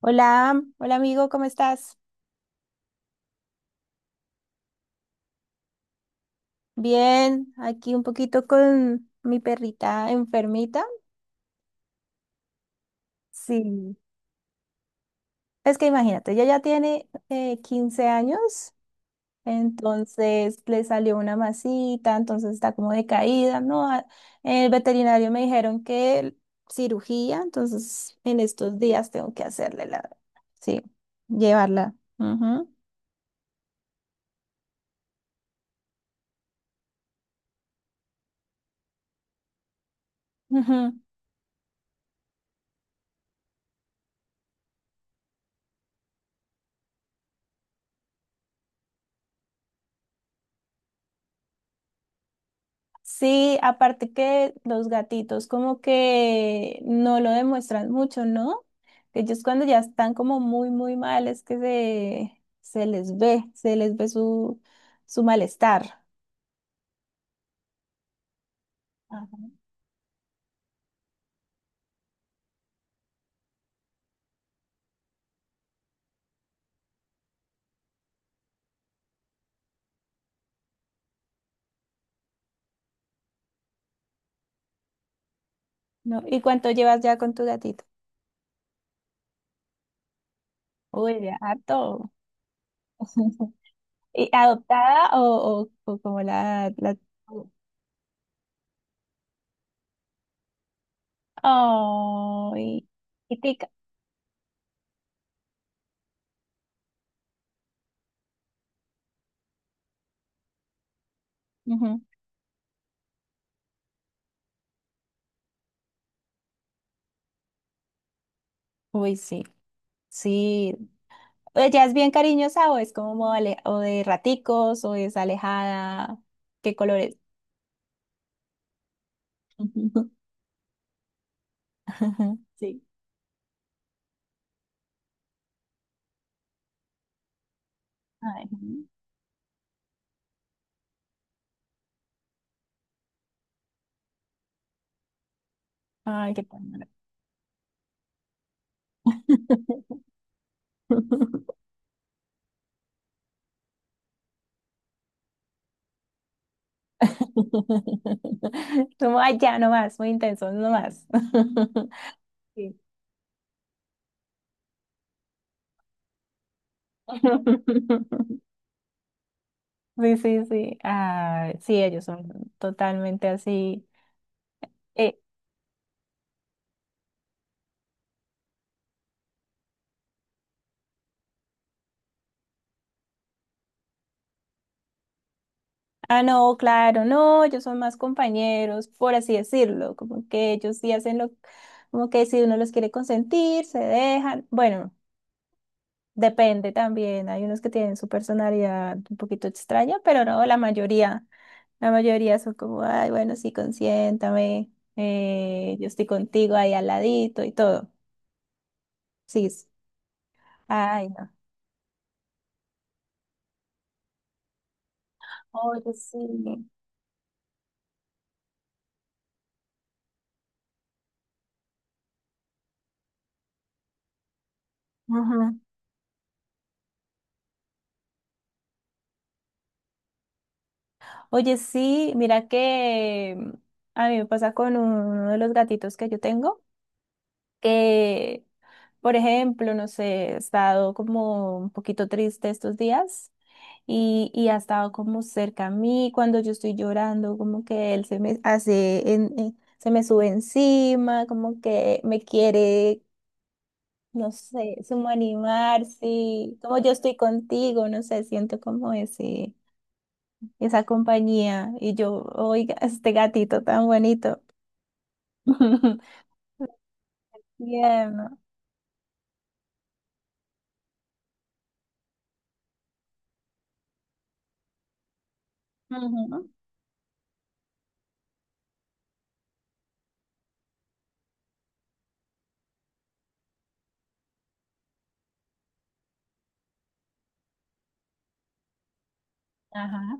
Hola, hola amigo, ¿cómo estás? Bien, aquí un poquito con mi perrita enfermita. Sí. Es que imagínate, ella ya tiene 15 años. Entonces le salió una masita, entonces está como decaída, ¿no? El veterinario me dijeron que cirugía, entonces en estos días tengo que hacerle la, sí, llevarla. Ujú, ujú. Sí, aparte que los gatitos como que no lo demuestran mucho, ¿no? Ellos cuando ya están como muy, muy mal es que se les ve su, su malestar. Ajá. ¿No? ¿Y cuánto llevas ya con tu gatito? Uy, ya harto. ¿Y adoptada o como la... Ay, y tica. Ujú. Uy, sí, sí. ¿Ella es bien cariñosa o es como o de raticos o es alejada? ¿Qué colores? Sí. Ay, ay, qué ternura. Como, ay, ya, no más, muy intenso, no más. Sí. Sí, sí, sí. Ah, sí, ellos son totalmente así. Eh, Ah, no, claro, no, ellos son más compañeros, por así decirlo, como que ellos sí hacen lo, como que si uno los quiere consentir, se dejan, bueno, depende también, hay unos que tienen su personalidad un poquito extraña, pero no, la mayoría son como, ay, bueno, sí, consiéntame, yo estoy contigo ahí al ladito y todo, sí, ay, no, oye, sí. Ajá. Oye, sí, mira que a mí me pasa con uno de los gatitos que yo tengo. Que, por ejemplo, no sé, he estado como un poquito triste estos días y ha estado como cerca a mí cuando yo estoy llorando, como que él se me hace, se me sube encima, como que me quiere, no sé, sumo animar, sí, como yo estoy contigo, no sé, siento como ese, esa compañía y yo, oiga, este gatito tan bonito. Tierno. Ujú. Ajá.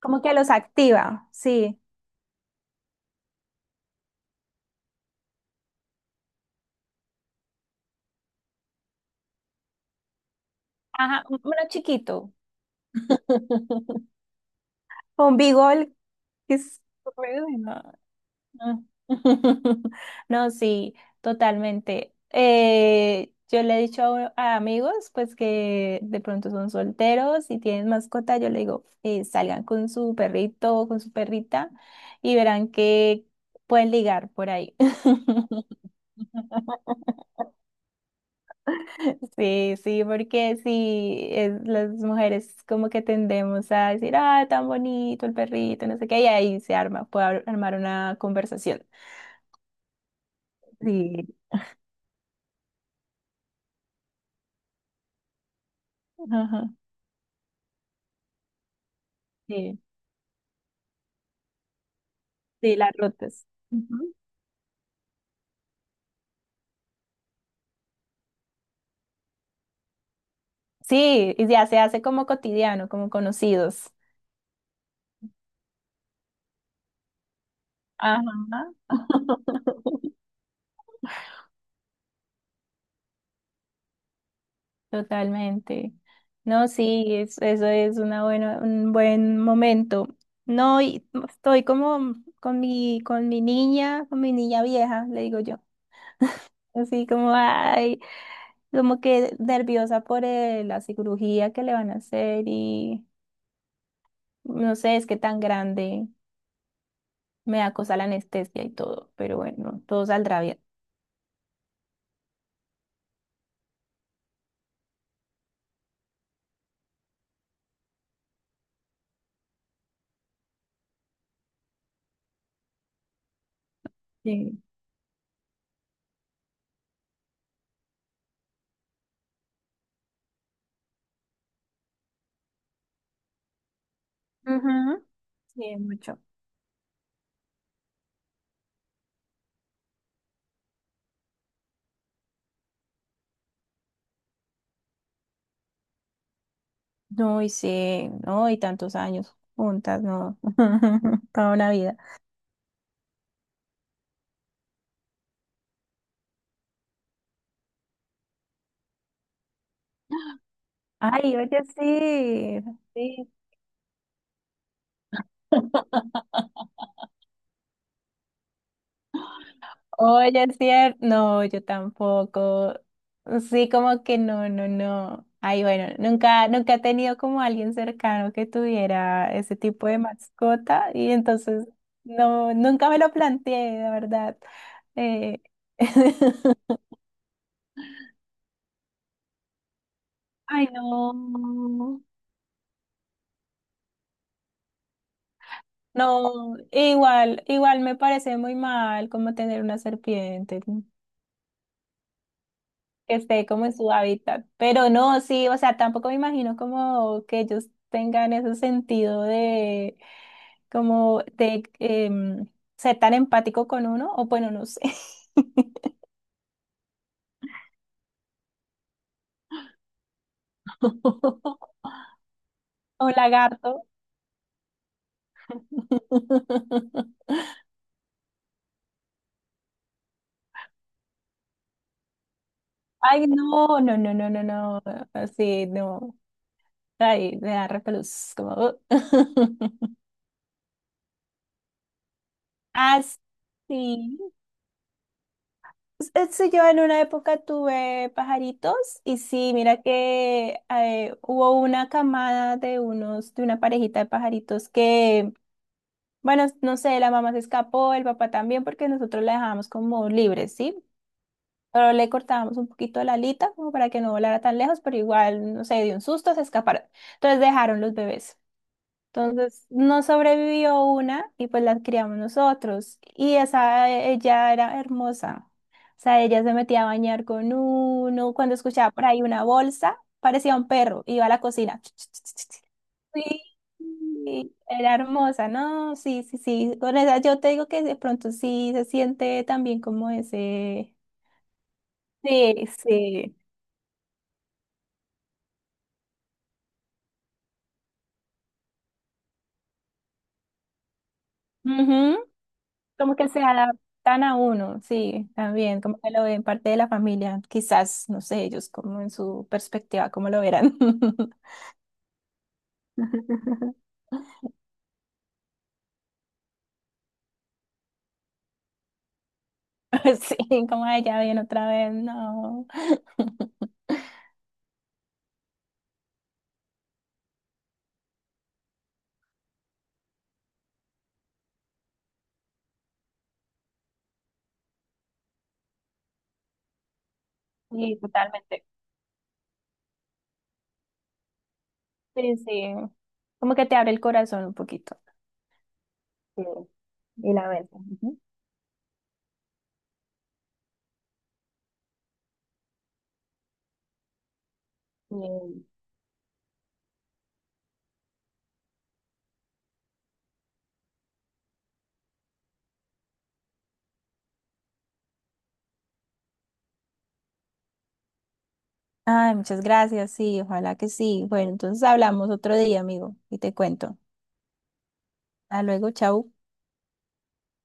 Como que los activa, sí. Ajá, uno chiquito. Un bigol que es... No, no. No, sí, totalmente. Yo le he dicho a amigos, pues que de pronto son solteros y tienen mascota, yo le digo, salgan con su perrito o con su perrita y verán que pueden ligar por ahí. Sí, sí, porque sí, las mujeres como que tendemos a decir, ah, tan bonito el perrito, no sé qué, y ahí se arma, puede armar una conversación. Sí, ajá, sí, sí, las rutas. Ujú. Sí, y ya se hace como cotidiano, como conocidos. Ajá. Totalmente. No, sí, eso es una buena, un buen momento. No, y estoy como con mi niña vieja, le digo yo. Así como, ay, como que nerviosa por la cirugía que le van a hacer y no sé, es que tan grande, me da cosa la anestesia y todo, pero bueno, todo saldrá bien. Sí. Ujú, sí, mucho. No, y sí, no, y tantos años juntas, no, toda una vida. Ay, oye, sí. Sí. Oye, es cierto. No, yo tampoco. Sí, como que no, no, no. Ay, bueno, nunca, nunca he tenido como alguien cercano que tuviera ese tipo de mascota y entonces no, nunca me lo planteé, la verdad. Eh, Ay, no. No, igual, igual me parece muy mal como tener una serpiente. Que esté como en su hábitat. Pero no, sí, o sea, tampoco me imagino como que ellos tengan ese sentido de como de ser tan empático con uno, o bueno, no sé. O lagarto. Ay, no, no, no, no, no, no. Así, no. Ay, me da repelús, como. Así. Es Este, yo en una época tuve pajaritos y sí, mira que hubo una camada de unos, de una parejita de pajaritos que, bueno, no sé, la mamá se escapó, el papá también, porque nosotros la dejábamos como libre, ¿sí? Pero le cortábamos un poquito la alita como para que no volara tan lejos, pero igual, no sé, de un susto se escaparon. Entonces dejaron los bebés. Entonces, no sobrevivió una y pues las criamos nosotros. Y esa, ella era hermosa. O sea, ella se metía a bañar con uno. Cuando escuchaba por ahí una bolsa, parecía un perro. Iba a la cocina. Sí, sí, era hermosa, ¿no? Sí, sí, sí. Con esa yo te digo que de pronto sí se siente también como ese. Sí, sí. Ujú. Como que se adaptan a uno, sí, también, como que lo ven parte de la familia, quizás, no sé, ellos como en su perspectiva, cómo lo verán. Sí, como ella ya viene otra vez, no. Sí, totalmente. Sí, sí, como que te abre el corazón un poquito. Sí, y la mente. Ujú. Bien. Ay, muchas gracias, sí, ojalá que sí. Bueno, entonces hablamos otro día, amigo, y te cuento. Hasta luego, chau.